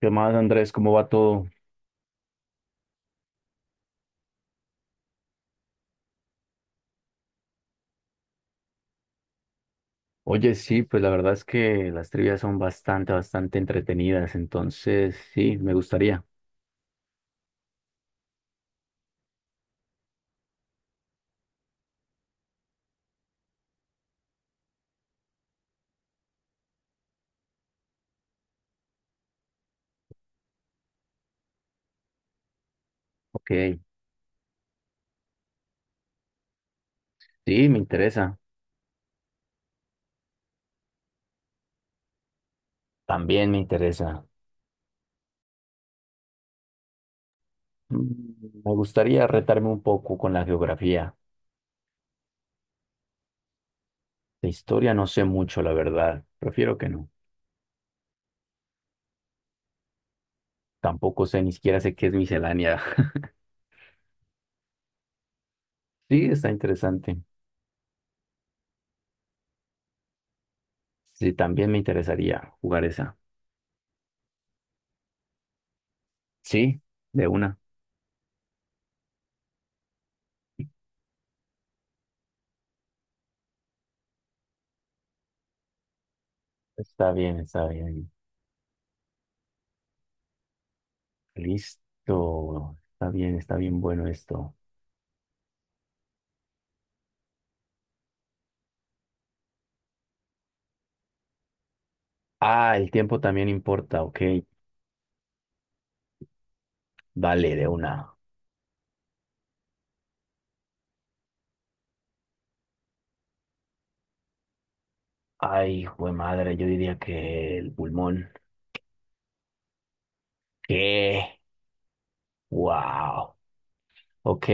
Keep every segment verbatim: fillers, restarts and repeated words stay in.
¿Qué más, Andrés? ¿Cómo va todo? Oye, sí, pues la verdad es que las trivias son bastante, bastante entretenidas, entonces sí, me gustaría. Ok, sí, me interesa. También me interesa. Mm, Me gustaría retarme un poco con la geografía. De historia no sé mucho, la verdad. Prefiero que no. Tampoco sé, ni siquiera sé qué es miscelánea. Sí, está interesante. Sí, también me interesaría jugar esa. Sí, de una. Está bien, está bien. Listo. Está bien, está bien bueno esto. Ah, el tiempo también importa, ok. Vale, de una. Ay, jue madre, yo diría que el pulmón. ¿Qué? Wow. Ok.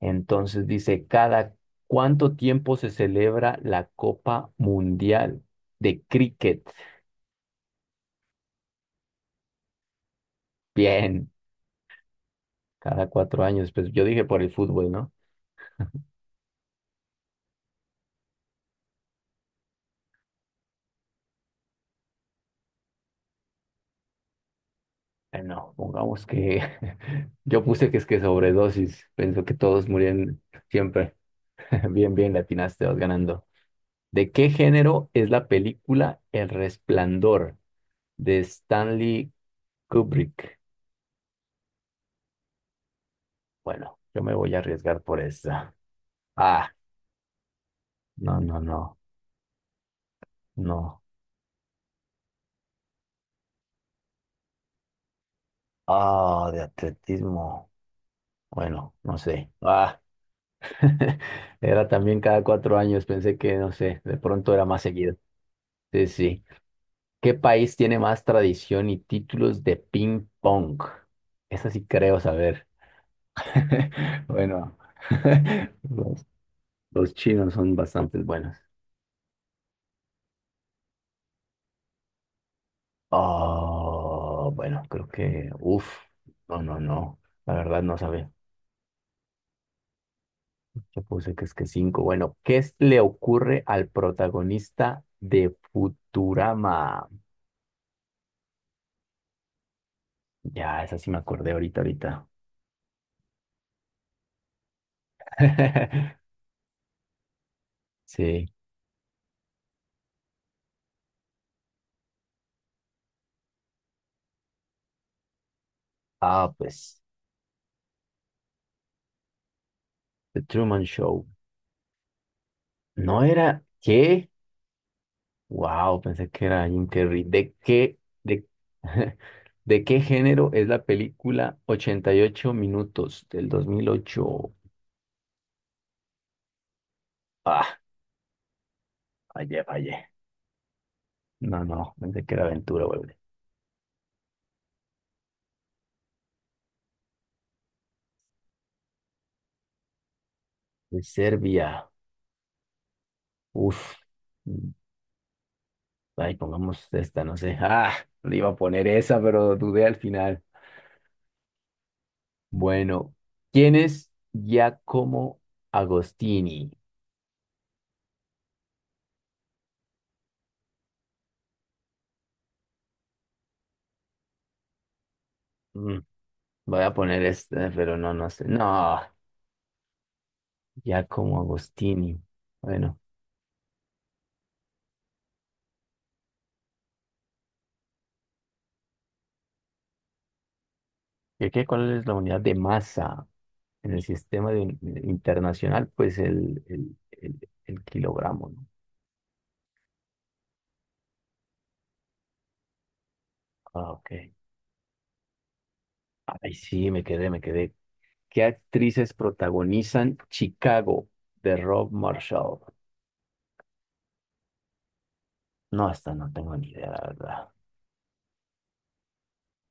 Entonces dice, ¿cada cuánto tiempo se celebra la Copa Mundial de Cricket? Bien, cada cuatro años. Pues yo dije por el fútbol, ¿no? Eh, No, pongamos que yo puse que es que sobredosis. Pensó que todos murieron siempre. Bien, bien, le atinaste, vas ganando. ¿De qué género es la película El Resplandor de Stanley Kubrick? Bueno, yo me voy a arriesgar por esa. Ah, no, no, no, no. Ah, de atletismo. Bueno, no sé. Ah, era también cada cuatro años. Pensé que, no sé, de pronto era más seguido. Sí, sí. ¿Qué país tiene más tradición y títulos de ping pong? Esa sí creo saber. Bueno, los, los chinos son bastante buenos. Oh, bueno, creo que, uff, no, no, no, la verdad no sabía. Yo puse que es que cinco. Bueno, ¿qué es- le ocurre al protagonista de Futurama? Ya, esa sí me acordé ahorita, ahorita. Sí. Ah, pues, The Truman Show. No era, ¿qué? Wow, pensé que era Jim Carrey. ¿De qué, de, de qué género es la película Ochenta y ocho minutos del dos mil ocho? Ah, fallé, fallé. No, no, pensé que era aventura, güey. De Serbia. Uf. Mm, Ay, pongamos esta, no sé. Ah, le iba a poner esa, pero dudé al final. Bueno, ¿quién es Giacomo Agostini? Mm, voy a poner esta, pero no, no sé. No, Giacomo Agostini. Bueno. ¿Y qué? ¿Cuál es la unidad de masa en el sistema de un- internacional? Pues el, el, el, el kilogramo, ¿no? Ah, ok. Ay, sí, me quedé, me quedé. ¿Qué actrices protagonizan Chicago de Rob Marshall? No, hasta no tengo ni idea, la verdad.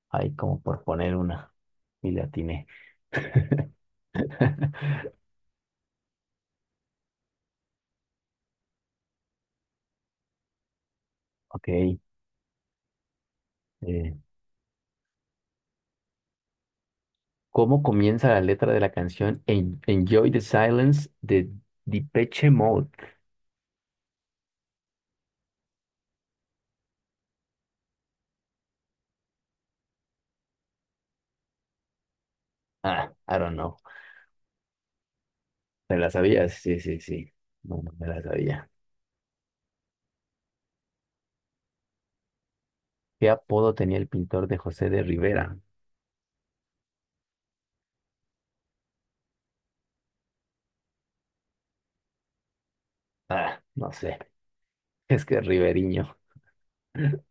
Ahí como por poner una y le atiné. Ok. eh, ¿cómo comienza la letra de la canción En- Enjoy the Silence de Depeche Mode? Ah, I don't know. ¿Te la sabías? Sí, sí, sí. No, no me la sabía. ¿Qué apodo tenía el pintor de José de Rivera? Ah, no sé. Es que es Riveriño.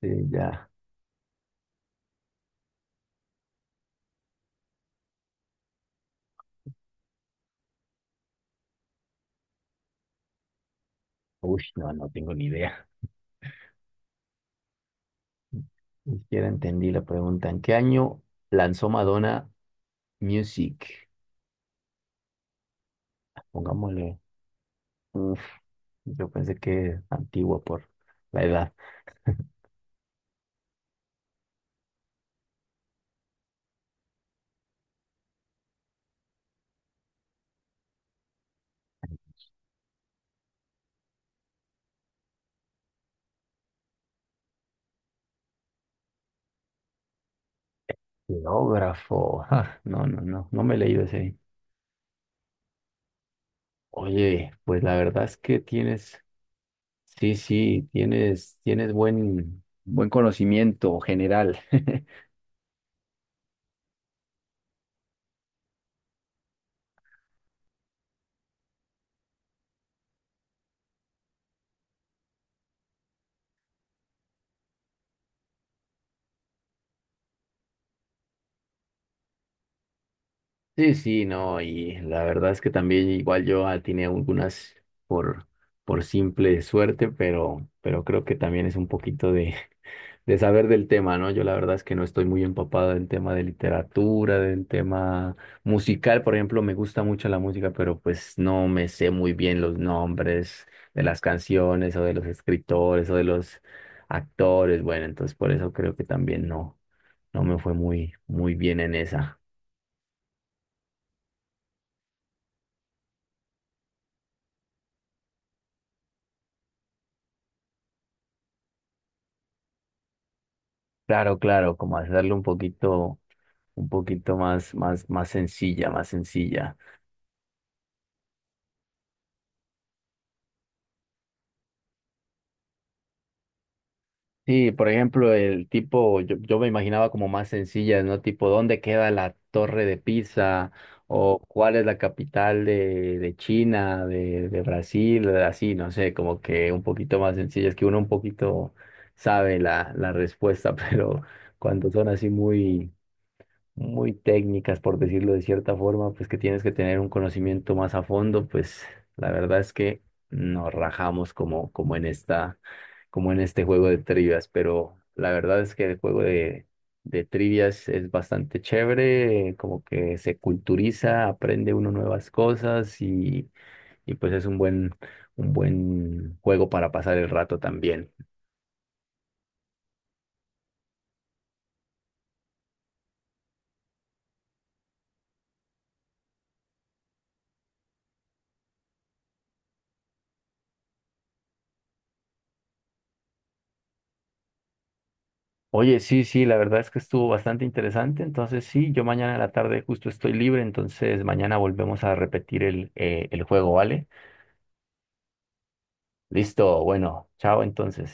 Sí, ya. Uy, no, no tengo ni idea. Ni siquiera entendí la pregunta. ¿En qué año lanzó Madonna Music? Pongámosle. Uf, yo pensé que es antiguo por la edad. Geógrafo. Ah, no, no, no. No me he leído ese. Oye, pues la verdad es que tienes. Sí, sí, tienes, tienes buen, buen conocimiento general. Sí, sí, no, y la verdad es que también igual yo atiné algunas por, por simple suerte, pero, pero creo que también es un poquito de de saber del tema, ¿no? Yo la verdad es que no estoy muy empapado del tema de literatura, del tema musical, por ejemplo, me gusta mucho la música, pero pues no me sé muy bien los nombres de las canciones o de los escritores o de los actores, bueno, entonces por eso creo que también no, no me fue muy, muy bien en esa. Claro, claro, como hacerlo un poquito, un poquito más, más, más sencilla, más sencilla. Sí, por ejemplo, el tipo, yo, yo me imaginaba como más sencilla, ¿no? Tipo, ¿dónde queda la Torre de Pisa? O cuál es la capital de, de China, de, de Brasil, así, no sé, como que un poquito más sencilla. Es que uno un poquito sabe la, la respuesta, pero cuando son así muy, muy técnicas, por decirlo de cierta forma, pues que tienes que tener un conocimiento más a fondo, pues la verdad es que nos rajamos como, como en esta, como en este juego de trivias, pero la verdad es que el juego de, de trivias es bastante chévere, como que se culturiza, aprende uno nuevas cosas y, y pues es un buen, un buen juego para pasar el rato también. Oye, sí, sí, la verdad es que estuvo bastante interesante. Entonces, sí, yo mañana en la tarde justo estoy libre, entonces mañana volvemos a repetir el, eh, el juego, ¿vale? Listo, bueno, chao entonces.